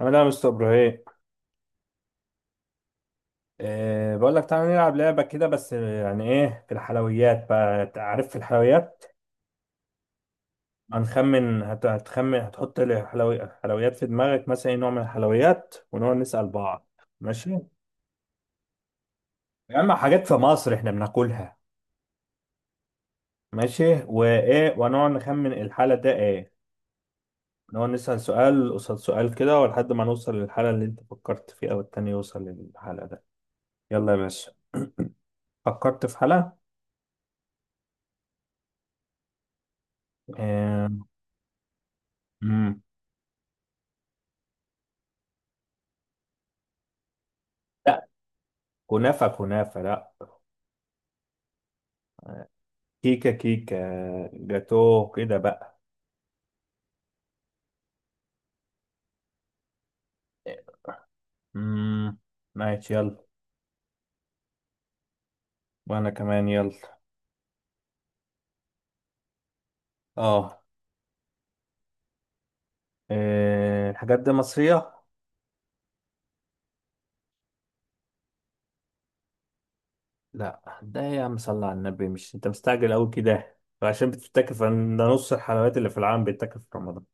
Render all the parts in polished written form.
عامل ايه يا مستر ابراهيم؟ إيه، بقول لك تعالى نلعب لعبه كده، بس يعني ايه؟ في الحلويات، بقى أنت عارف. في الحلويات هنخمن، هتخمن، هتحط حلويات في دماغك، مثلا ايه نوع من الحلويات، ونقعد نسال بعض. ماشي. يا اما حاجات في مصر احنا بناكلها. ماشي وايه؟ ونقعد نخمن الحاله ده ايه. نقعد نسال سؤال قصاد سؤال كده، ولحد ما نوصل للحاله اللي انت فكرت فيها، والتاني يوصل للحاله ده. يلا يا باشا. فكرت في حاله. إيه. كنافة كنافة، لا. كيكة كيكة. جاتو كده بقى. امم ماشي يلا. وانا كمان يلا. اه. إيه، الحاجات دي مصرية؟ لا ده يا عم صلى على النبي، مش انت مستعجل قوي كده؟ عشان بتفتكر ده نص الحلويات اللي في العالم بيتاكل في رمضان.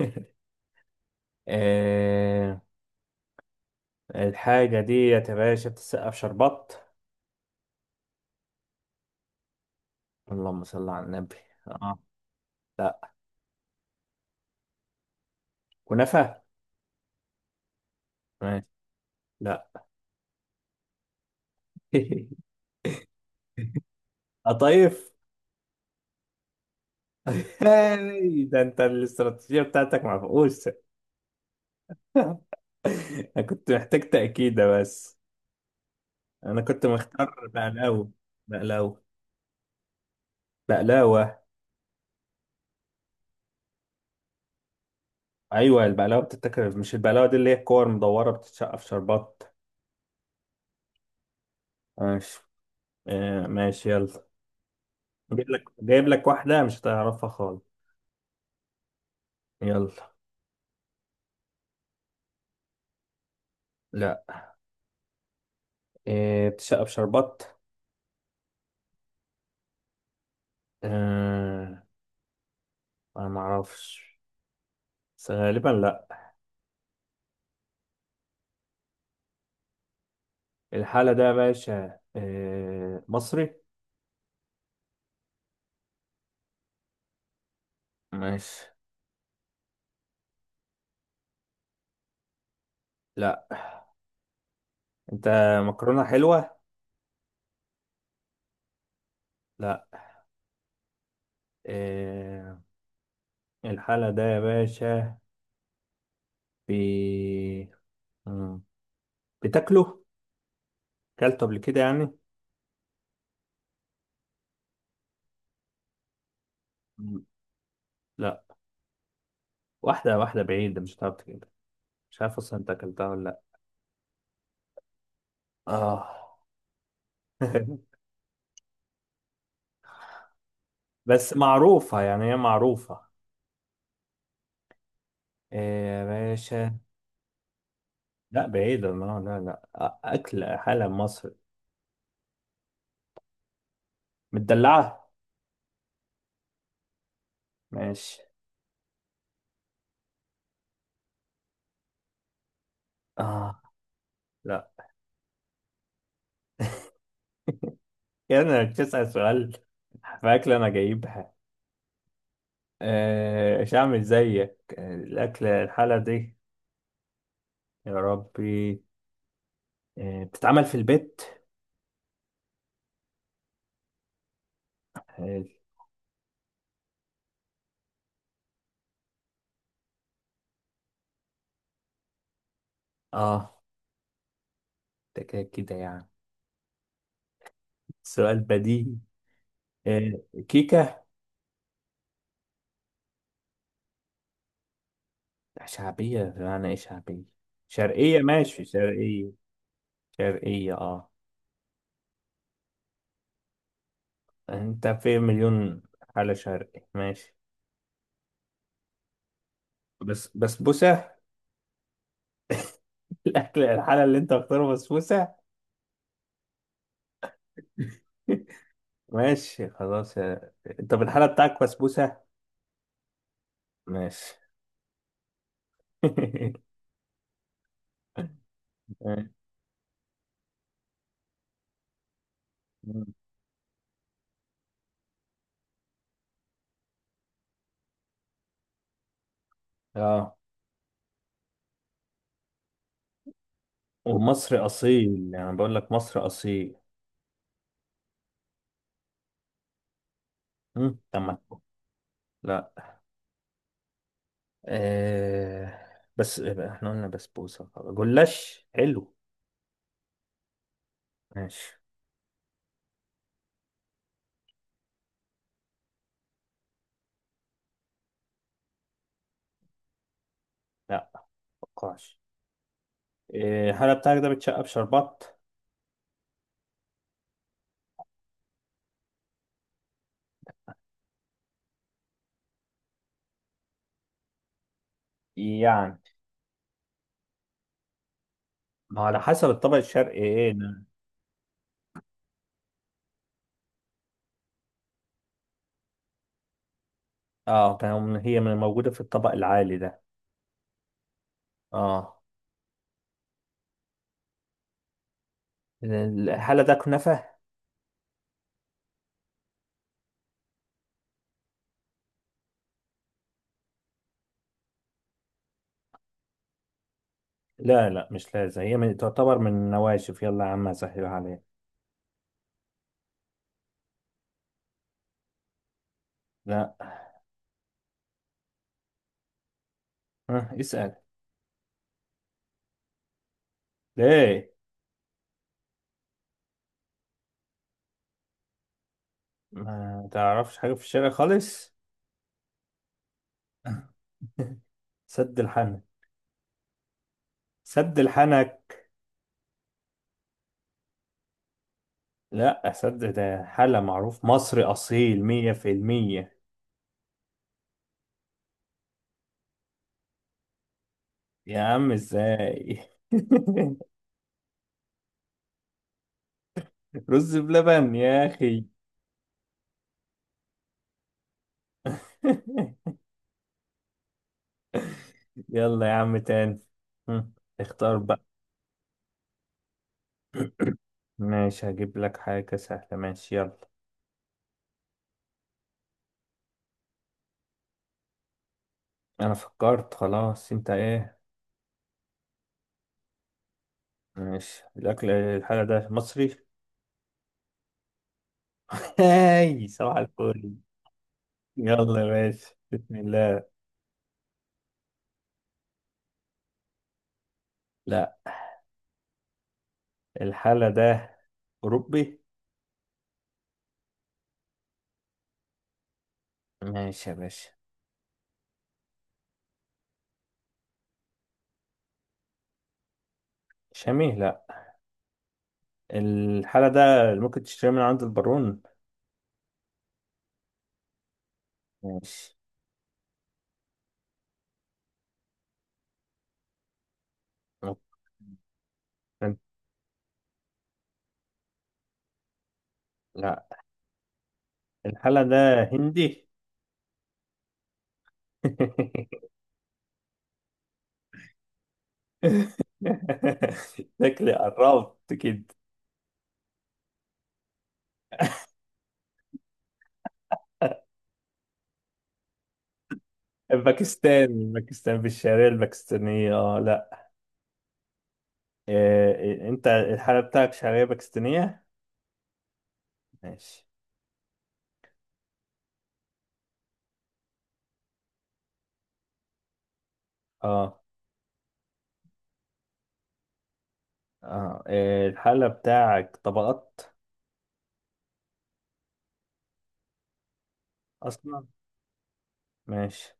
إيه، الحاجة دي يا باشا بتتسقف شربات. اللهم صل على النبي. اه. لا. كنافة. ماشي. لا. قطايف. هاي ده انت الاستراتيجية بتاعتك معفقوسة. انا كنت محتاج تأكيدة بس. انا كنت مختار بقلاوة. بقلاوة. بقلاوة. ايوه البقلاوة بتتاكل، مش البقلاوة دي اللي هي الكور مدورة بتتشقى في شربات. ماشي. آه ماشي يلا. جايب لك، جايب لك واحدة مش هتعرفها خالص. يلا. لا. آه، بتتشقى في شربات. آه. انا معرفش، بس غالبا لا. الحالة ده يا باشا آه مصري. ماشي. لا. انت مكرونة حلوة؟ لا. إيه الحالة ده يا باشا بي... مم. بتاكله؟ اكلته قبل كده يعني. مم. لا. واحدة واحدة بعيدة مش هتعرف كده. مش عارف اصلا انت اكلتها ولا لا. اه. بس معروفة، يعني هي معروفة. إيه يا باشا؟ لا بعيدة، لا لا لا، أكل حالة مصر متدلعة. ماشي. اه. لا. يعني بتسأل سؤال في أكل أنا جايبها. آه، مش هعمل زيك. آه، الأكل الحالة دي يا ربي. آه، بتتعمل في البيت. اه. آه، ده كده كده يعني سؤال بديهي. آه، كيكة شعبية؟ معنى ايه شعبية؟ شرقية؟ ماشي شرقية. شرقية اه. انت في مليون حالة شرقية ماشي. بس بسبوسة. الأكل الحالة اللي انت مختاره بسبوسة. ماشي خلاص. آه، طب الحالة بتاعك بسبوسة؟ ماشي. مم. اه. ومصر اصيل يعني، بقول لك مصر اصيل. مم. طب ما لا. آه. بس احنا قلنا بسبوسه جلاش حلو. ماشي. لا متوقعش. آه. هل بتاعك ده بتشقى بشربات؟ يعني ما على حسب الطبق الشرقي ايه ده. اه، كان هي من موجوده في الطبق العالي ده؟ اه. الحالة ده كنافه؟ لا لا، مش لازم هي من تعتبر من النواشف. يلا يا عم اسهلها عليك. لا. آه، اسال. ليه؟ ما تعرفش حاجة في الشارع خالص؟ سد الحنك. سد الحنك. لا، سد ده حالة معروف مصري أصيل 100%. يا عم ازاي. رز بلبن يا أخي. يلا يا عم تاني. هم، اختار بقى. ماشي هجيب لك حاجة سهلة، ماشي يلا. أنا فكرت خلاص، أنت إيه؟ ماشي، الأكل الحاجة ده مصري؟ هاي صباح الفل. يلا يا باشا بسم الله. لا. الحالة ده أوروبي؟ ماشي يا باشا. شامي؟ لا. الحالة ده اللي ممكن تشتري من عند البارون؟ ماشي. ممكن. لا. الحالة ده هندي؟ شكلي قربت كده. باكستان، باكستان في الشعرية الباكستانية اه لا. إيه، انت الحالة بتاعك شعرية باكستانية؟ ماشي. اه. اه إيه الحالة بتاعك طبقات؟ اصلا. ماشي.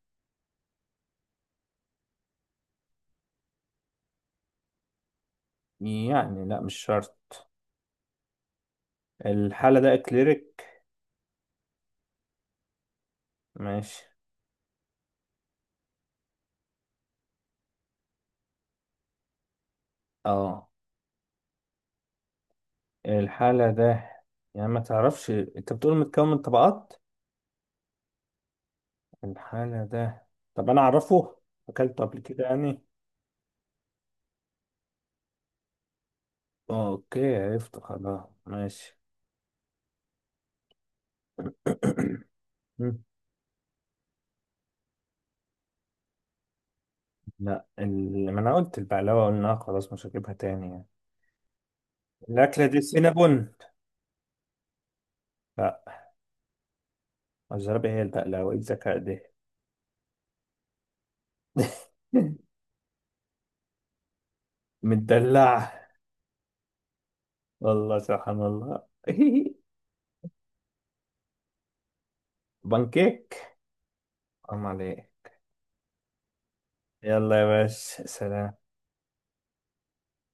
يعني لا مش شرط. الحالة ده اكليريك؟ ماشي. اه. الحالة ده يعني ما تعرفش؟ انت بتقول متكون من طبقات. الحالة ده، طب انا اعرفه؟ اكلته قبل كده يعني. اوكي عرفت خلاص، ماشي. مم. لا، ما انا قلت البقلاوة، قلنا خلاص مش هجيبها تاني يعني. الأكلة دي سينابون؟ لا. الزرابة هي البقلاوة، ايه الذكاء ده. متدلعة. والله سبحان الله. بانكيك. حرام عليك. يلا يا باشا سلام.